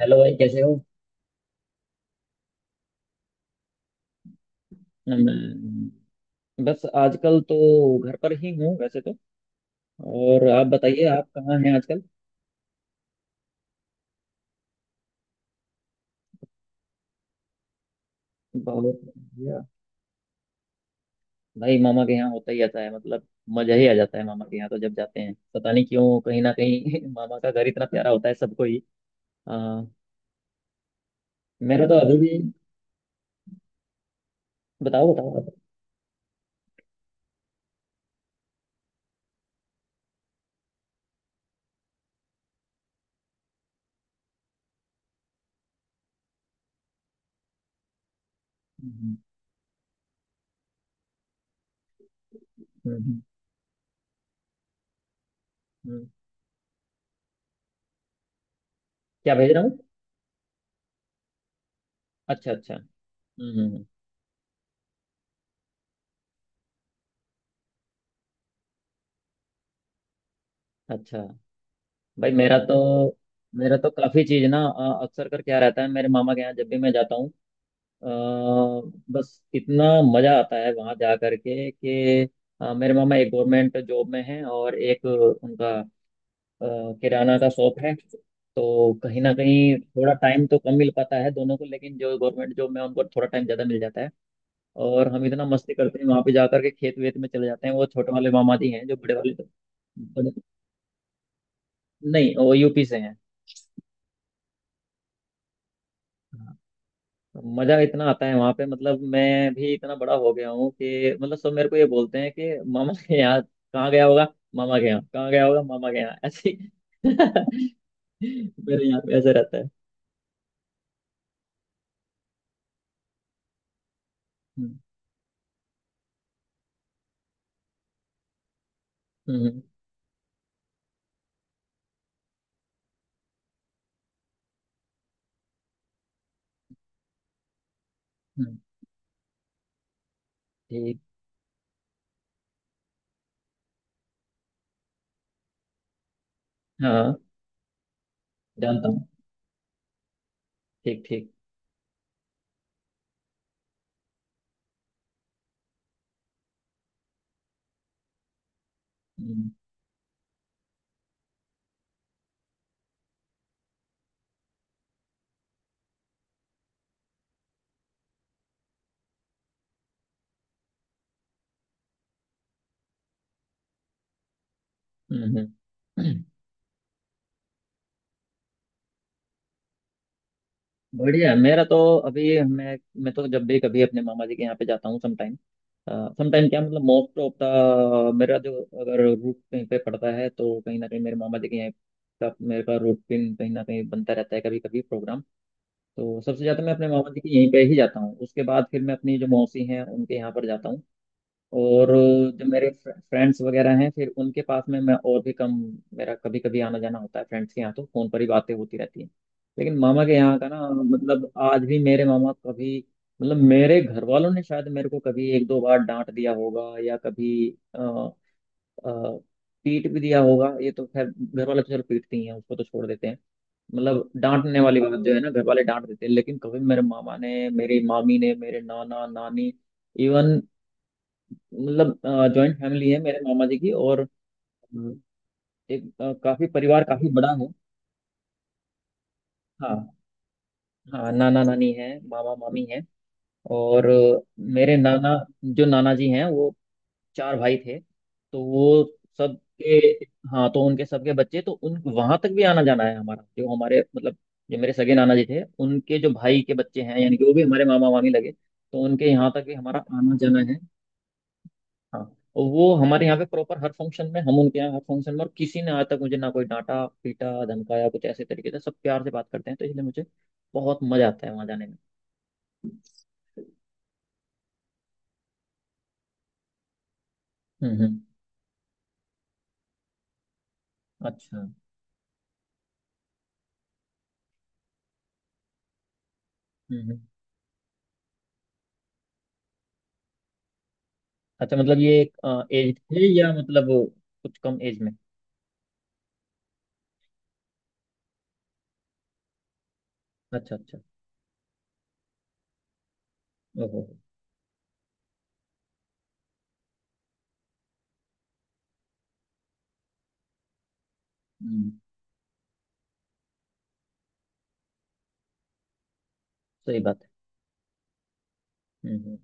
Hello भाई, कैसे हो? मैं, बस आजकल तो घर पर ही हूँ वैसे तो। और आप बताइए, आप कहाँ हैं आजकल? बहुत बढ़िया। भाई, मामा के यहाँ होता ही आता है मतलब, मजा ही आ जाता है मामा के यहाँ तो जब जाते हैं, पता नहीं क्यों, कहीं ना कहीं मामा का घर इतना प्यारा होता है सबको ही। आ, मेरा तो अभी भी। बताओ बताओ आप। हम्म, हम्म, हम्म। क्या भेज रहा हूँ? अच्छा अच्छा। हम्म। अच्छा। भाई मेरा तो काफी चीज ना अक्सर कर क्या रहता है मेरे मामा के यहाँ जब भी मैं जाता हूँ। अ, बस इतना मज़ा आता है वहाँ जा करके कि मेरे मामा एक गवर्नमेंट जॉब में हैं और एक उनका अ, किराना का शॉप है। तो कहीं ना कहीं थोड़ा टाइम तो कम मिल पाता है दोनों को, लेकिन जो गवर्नमेंट जॉब में उनको थोड़ा टाइम ज़्यादा मिल जाता है। और हम इतना मस्ती करते हैं वहाँ पे जा करके, खेत वेत में चले जाते हैं। वो छोटे वाले मामा जी हैं, जो बड़े वाले तो बड़े नहीं, वो UP से हैं। मजा इतना आता है वहां पे, मतलब मैं भी इतना बड़ा हो गया हूँ कि मतलब सब मेरे को ये बोलते हैं कि मामा के यहाँ कहाँ गया होगा, मामा के यहाँ कहाँ गया होगा, मामा के यहाँ ऐसे ही। मेरे यहाँ पे ऐसे रहता है। हम्म, हम्म, हम्म। ठीक। हाँ, जानता हूँ। ठीक ठीक। हम्म, हम्म, हम्म। बढ़िया है। मेरा तो अभी। मैं मैं तो जब भी कभी अपने मामा जी के यहाँ पे जाता हूँ, समटाइम, समटाइम क्या, मतलब मोस्ट ऑफ द, मेरा जो अगर रूट कहीं पे पड़ता है, तो कहीं ना कहीं मेरे मामा जी के यहाँ का, मेरे का रूटीन कहीं ना कहीं बनता रहता है, कभी कभी प्रोग्राम। तो सबसे ज्यादा मैं अपने मामा जी के यहीं पे ही जाता हूँ, उसके बाद फिर मैं अपनी जो मौसी हैं उनके यहाँ पर जाता हूँ। और जो मेरे फ्रेंड्स वगैरह हैं, फिर उनके पास में मैं और भी कम, मेरा कभी कभी आना जाना होता है फ्रेंड्स के यहाँ, तो फोन पर ही बातें होती रहती हैं। लेकिन मामा के यहाँ का ना, मतलब आज भी मेरे मामा कभी, मतलब मेरे घर वालों ने शायद मेरे को कभी एक दो बार डांट दिया होगा, या कभी अ, अ, पीट भी दिया होगा, ये तो खैर घर वाले तो चलो पीटते ही हैं, उसको तो छोड़ देते हैं। मतलब डांटने वाली बात जो है ना, घर वाले डांट देते हैं, लेकिन कभी मेरे मामा ने, मेरी मामी ने, मेरे नाना नानी, इवन मतलब जॉइंट फैमिली है मेरे मामा जी की। और हम्म। एक काफी परिवार काफी बड़ा है। हाँ हाँ, नाना नानी है मामा मामी है। और मेरे नाना, जो नाना जी हैं वो चार भाई थे, तो वो सबके। हाँ, तो उनके सबके बच्चे, तो उन, वहां तक भी आना जाना है हमारा, जो हमारे मतलब, जो मेरे सगे नाना जी थे उनके जो भाई के बच्चे हैं, यानी कि वो भी हमारे मामा मामी लगे, तो उनके यहाँ तक भी हमारा आना जाना है। हाँ, और वो हमारे यहाँ पे प्रॉपर हर फंक्शन में, हम उनके यहाँ हर फंक्शन में, और किसी ने आज तक मुझे ना कोई डांटा, पीटा, धमकाया कुछ ऐसे तरीके से, सब प्यार से बात करते हैं, तो इसलिए मुझे बहुत मजा आता है वहाँ जाने में। हम्म। अच्छा। हम्म। अच्छा, मतलब ये एक एज थे, या मतलब कुछ कम एज में। अच्छा अच्छा। ओहो। हम्म। सही बात है। हम्म हम्म,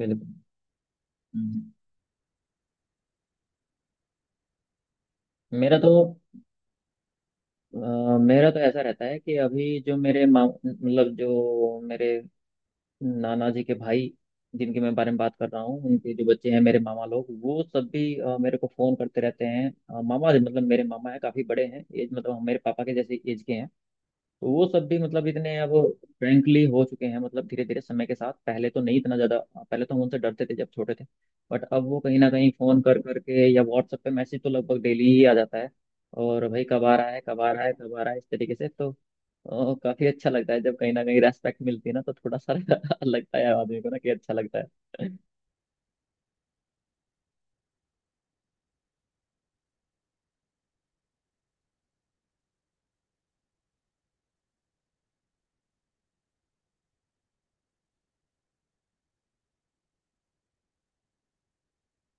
बिल्कुल। हम्म। मेरा तो मेरा तो ऐसा रहता है कि अभी जो मेरे माँ, मतलब जो मेरे नाना जी के भाई, जिनके मैं बारे में बात कर रहा हूँ, उनके जो बच्चे हैं मेरे मामा लोग, वो सब भी मेरे को फ़ोन करते रहते हैं। मामा जी मतलब मेरे मामा हैं, काफ़ी बड़े हैं एज, मतलब मेरे पापा के जैसे एज के हैं। तो वो सब भी मतलब इतने अब फ्रेंकली हो चुके हैं, मतलब धीरे धीरे समय के साथ, पहले तो नहीं इतना ज़्यादा, पहले तो हम उनसे डरते थे जब छोटे थे, बट अब वो कहीं ना कहीं फ़ोन कर करके या WhatsApp पे मैसेज तो लगभग डेली ही आ जाता है। और, भाई कब आ रहा है, कब आ रहा है, कब आ रहा है इस तरीके से, तो काफी अच्छा लगता है जब कहीं ना कहीं रेस्पेक्ट मिलती है ना, तो थोड़ा सा लगता है आदमी को ना, कि अच्छा लगता है।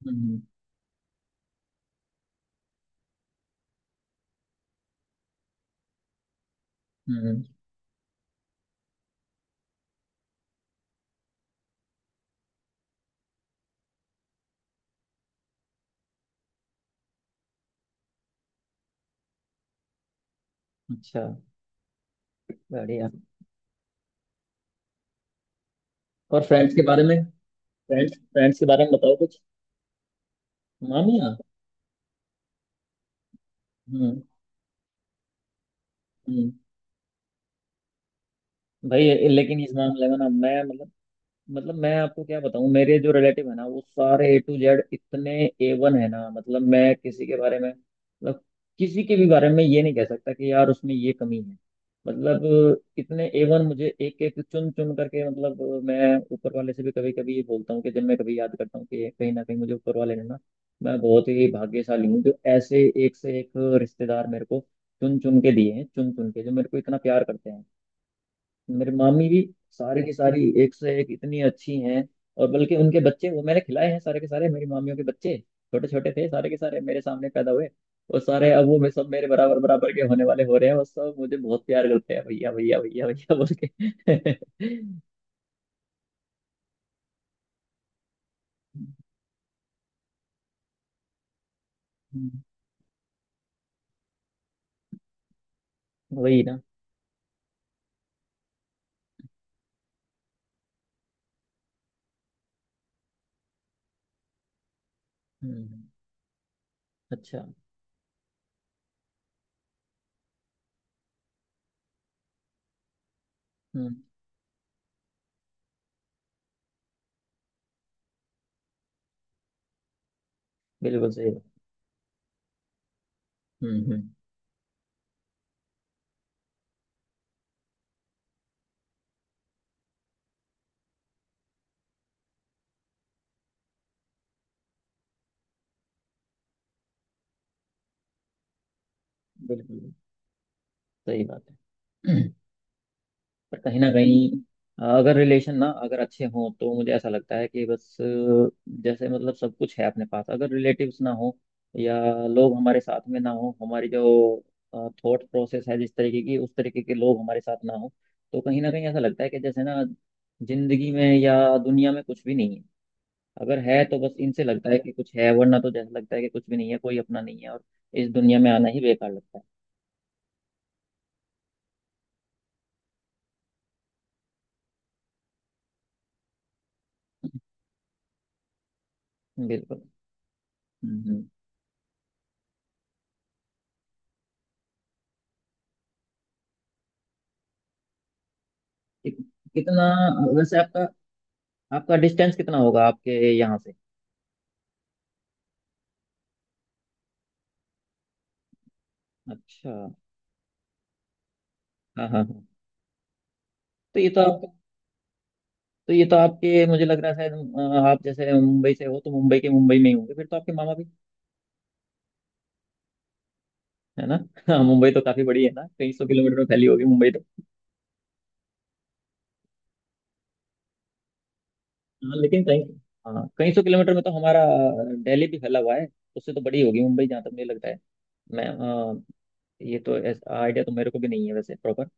हम्म हम्म, अच्छा। बढ़िया। और फ्रेंड्स के बारे में। फ्रेंड्स, फ्रेंड्स के बारे में बताओ कुछ। मामिया। हम्म हम्म। भाई लेकिन इस मामले में ना मैं, मतलब, मतलब मैं आपको क्या बताऊं, मेरे जो रिलेटिव है ना, वो सारे A to Z, इतने A1 है ना। मतलब मैं किसी के बारे में, मतलब किसी के भी बारे में ये नहीं कह सकता कि यार उसमें ये कमी है। मतलब इतने A1, मुझे एक एक चुन चुन करके, मतलब मैं ऊपर वाले से भी कभी कभी ये बोलता हूँ कि जब मैं कभी याद करता हूँ कि कहीं ना कहीं मुझे ऊपर वाले ने ना, मैं बहुत ही भाग्यशाली हूँ जो ऐसे एक से एक रिश्तेदार मेरे को चुन चुन के दिए हैं, चुन चुन के जो मेरे को इतना प्यार करते हैं। मेरे मामी भी सारी की सारी एक से एक इतनी अच्छी हैं, और बल्कि उनके बच्चे, वो मैंने खिलाए हैं सारे के सारे मेरी मामियों के बच्चे, छोटे छोटे थे सारे के सारे मेरे सामने पैदा हुए। और सारे अब वो, मैं सब, मेरे बराबर बराबर के होने वाले हो रहे हैं, और सब मुझे बहुत प्यार करते हैं भैया भैया भैया भैया बोल के। वही ना। हम्म। अच्छा। हम्म। बिल्कुल सही बात। हम्म। बिल्कुल सही बात है। पर कहीं ना कहीं अगर रिलेशन ना, अगर अच्छे हों, तो मुझे ऐसा लगता है कि बस जैसे मतलब सब कुछ है अपने पास। अगर रिलेटिव्स ना हो, या लोग हमारे साथ में ना हो, हमारी जो थॉट प्रोसेस है जिस तरीके की, उस तरीके के लोग हमारे साथ ना हो, तो कहीं ना कहीं ऐसा लगता है कि जैसे ना, जिंदगी में या दुनिया में कुछ भी नहीं है। अगर है तो बस इनसे लगता है कि कुछ है, वरना तो जैसा लगता है कि कुछ भी नहीं है, कोई अपना नहीं है, और इस दुनिया में आना ही बेकार लगता है। बिल्कुल। हम्म हम्म। कित- कितना, वैसे आपका आपका डिस्टेंस कितना होगा आपके यहाँ से? अच्छा। हाँ हाँ हाँ। तो ये तो आप तो ये तो आपके, मुझे लग रहा है शायद, आप जैसे मुंबई से हो तो मुंबई के मुंबई में ही होंगे फिर तो आपके मामा भी। है ना? हाँ, मुंबई तो काफी बड़ी है ना, कई सौ किलोमीटर में फैली होगी मुंबई तो। हाँ लेकिन कई, हाँ कई सौ किलोमीटर में तो हमारा दिल्ली भी फैला हुआ है, उससे तो बड़ी होगी मुंबई जहाँ तक मुझे लगता है। मैं, ये तो आइडिया तो मेरे को भी नहीं है वैसे प्रॉपर।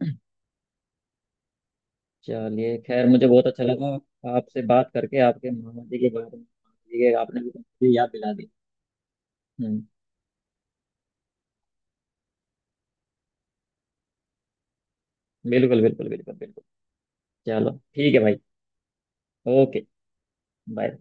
चलिए खैर, मुझे बहुत अच्छा लगा आपसे बात करके। आपके मामा जी के बारे में, मामा जी के आपने भी मुझे याद दिला दी। हम्म। बिल्कुल बिल्कुल बिल्कुल बिल्कुल। चलो ठीक है भाई। ओके। बाय।